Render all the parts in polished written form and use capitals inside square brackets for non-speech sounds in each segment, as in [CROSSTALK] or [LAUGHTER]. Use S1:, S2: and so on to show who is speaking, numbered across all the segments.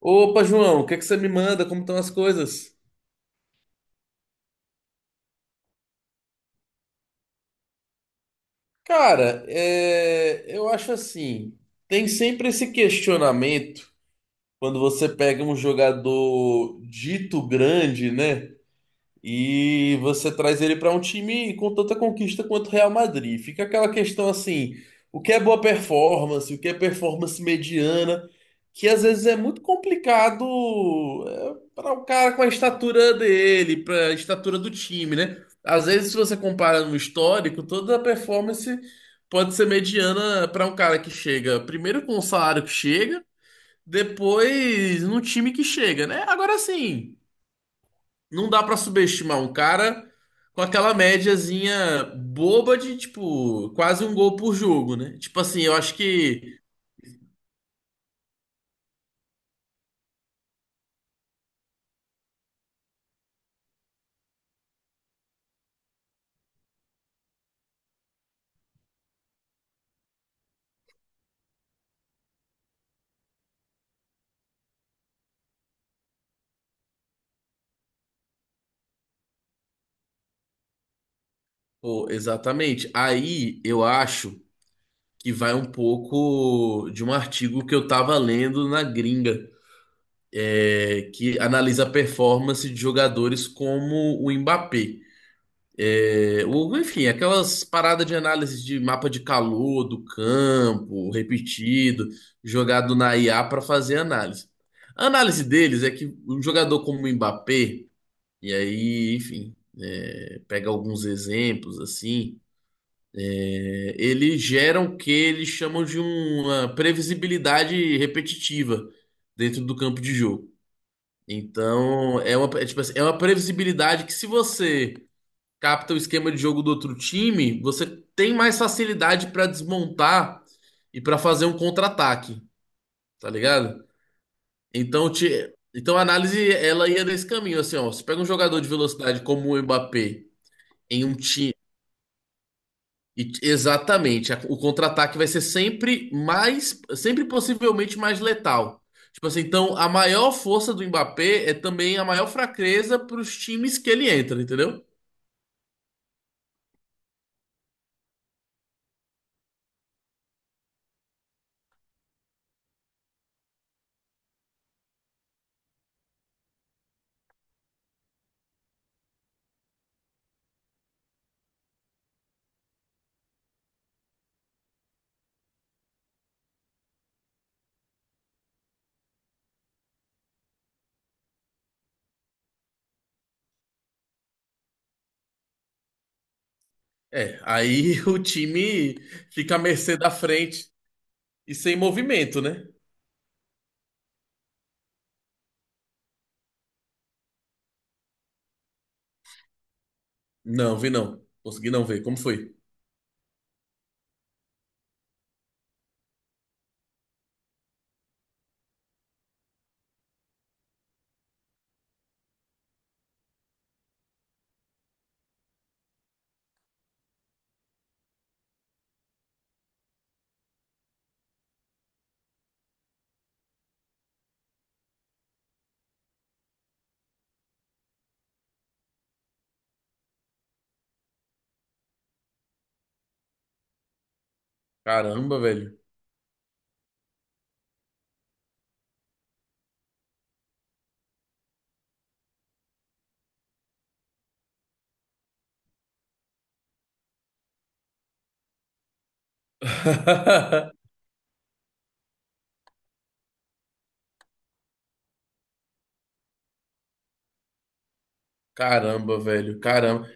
S1: Opa, João, o que é que você me manda? Como estão as coisas? Cara, é, eu acho assim, tem sempre esse questionamento quando você pega um jogador dito grande, né? E você traz ele para um time com tanta conquista quanto o Real Madrid. Fica aquela questão assim, o que é boa performance, o que é performance mediana, que às vezes é muito complicado para o cara com a estatura dele, para a estatura do time, né? Às vezes, se você compara no histórico, toda a performance pode ser mediana para um cara que chega primeiro com o salário que chega, depois no time que chega, né? Agora sim não dá pra subestimar um cara com aquela médiazinha boba de, tipo, quase um gol por jogo, né? Tipo assim, eu acho que. Pô, exatamente. Aí eu acho que vai um pouco de um artigo que eu tava lendo na gringa, que analisa a performance de jogadores como o Mbappé. Enfim, aquelas paradas de análise de mapa de calor do campo, repetido, jogado na IA para fazer análise. A análise deles é que um jogador como o Mbappé, e aí, enfim, pega alguns exemplos assim, ele gera o que eles chamam de uma previsibilidade repetitiva dentro do campo de jogo. Então, tipo assim, é uma previsibilidade que se você capta o esquema de jogo do outro time, você tem mais facilidade pra desmontar e pra fazer um contra-ataque, tá ligado? Então, então a análise ela ia nesse caminho, assim, ó, você pega um jogador de velocidade como o Mbappé em um time exatamente, o contra-ataque vai ser sempre mais, sempre possivelmente mais letal. Tipo assim, então a maior força do Mbappé é também a maior fraqueza para os times que ele entra, entendeu? É, aí [LAUGHS] o time fica à mercê da frente e sem movimento, né? Não, vi não. Consegui não ver. Como foi? Caramba, velho. [LAUGHS] Caramba, velho. Caramba.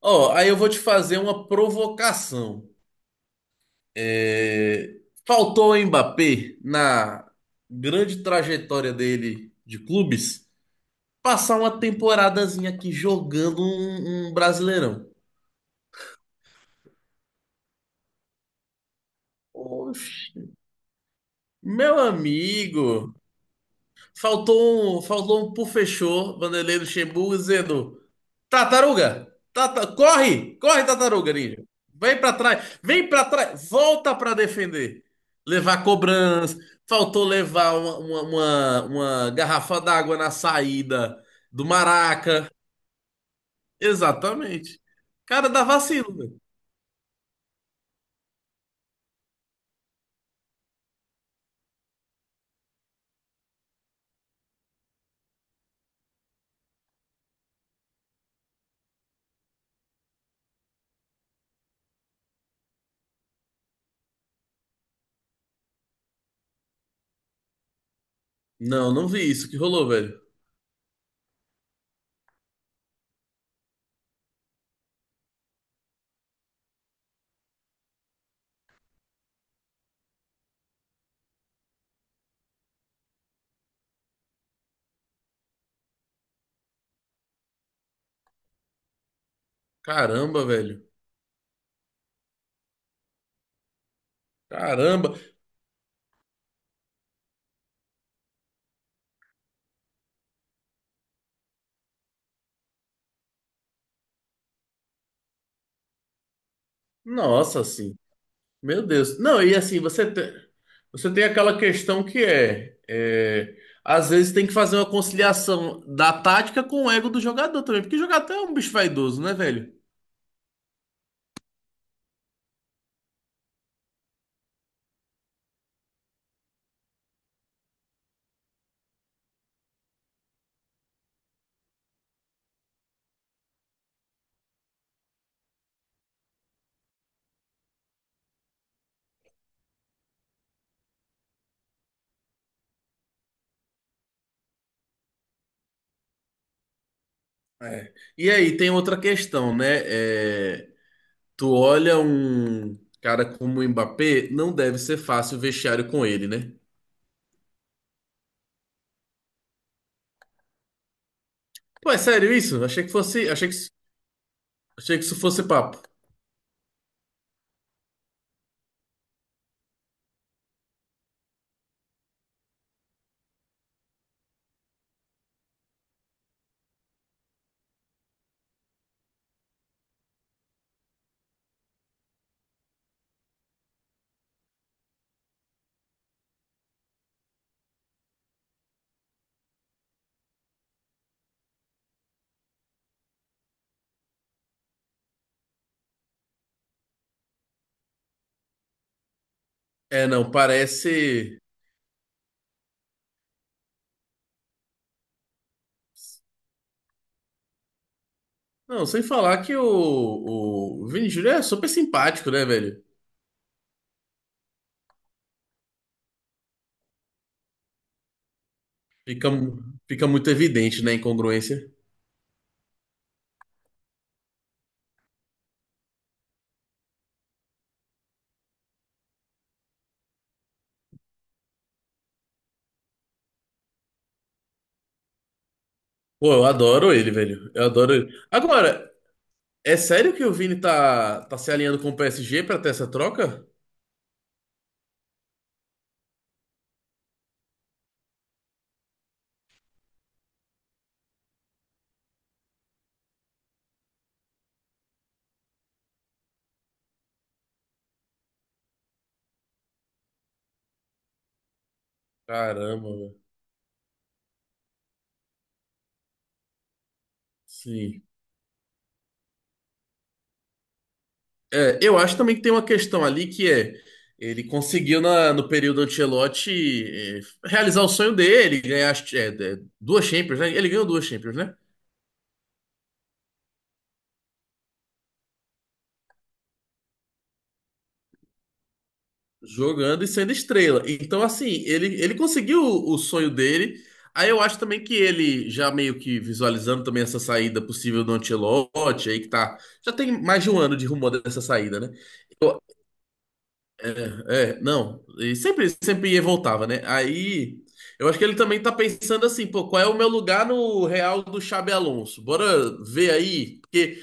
S1: Ó, aí eu vou te fazer uma provocação. É, Faltou o Mbappé na grande trajetória dele de clubes passar uma temporadazinha aqui jogando um Brasileirão. Oxe, meu amigo. Faltou um por fechou, Vanderlei Luxemburgo, dizendo: Tartaruga, corre, corre, tartaruga, ninja. Vem pra trás, volta pra defender. Levar cobrança, faltou levar uma garrafa d'água na saída do Maraca. Exatamente. Cara, dá vacilo, velho. Não, não vi isso que rolou, velho. Caramba, velho. Caramba. Nossa, assim. Meu Deus. Não, e assim, você tem aquela questão que é, às vezes tem que fazer uma conciliação da tática com o ego do jogador também, porque jogador é um bicho vaidoso, né, velho? É. E aí tem outra questão, né? Tu olha um cara como o Mbappé, não deve ser fácil o vestiário com ele, né? Pô, é sério isso? Achei que isso fosse papo. É, não, parece. Não, sem falar que o Vini Júnior é super simpático, né, velho? Fica, fica muito evidente, né, a incongruência. Pô, eu adoro ele, velho. Eu adoro ele. Agora, é sério que o Vini tá se alinhando com o PSG pra ter essa troca? Caramba, velho. Sim. Eu acho também que tem uma questão ali que é ele conseguiu no período Ancelotti eh, realizar o sonho dele, ganhar duas Champions, né? Ele ganhou duas Champions, né? Jogando e sendo estrela. Então, assim, ele conseguiu o sonho dele. Aí eu acho também que ele, já meio que visualizando também essa saída possível do Ancelotti, aí que tá. Já tem mais de um ano de rumor dessa saída, né? Eu- não. E sempre, sempre ia e voltava, né? Aí eu acho que ele também tá pensando assim, pô, qual é o meu lugar no Real do Xabi Alonso? Bora ver aí, porque.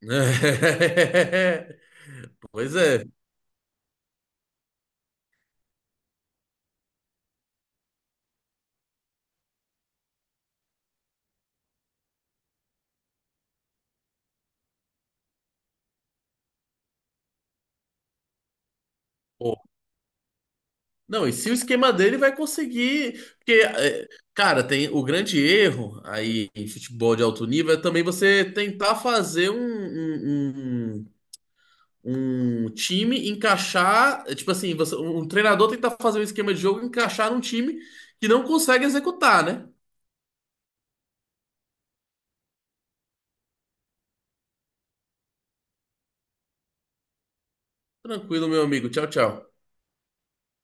S1: [LAUGHS] Pois é. Não, e se o esquema dele vai conseguir. Porque, cara, tem o grande erro aí em futebol de alto nível é também você tentar fazer um time encaixar. Tipo assim, um treinador tentar fazer um esquema de jogo e encaixar num time que não consegue executar, né? Tranquilo, meu amigo. Tchau, tchau.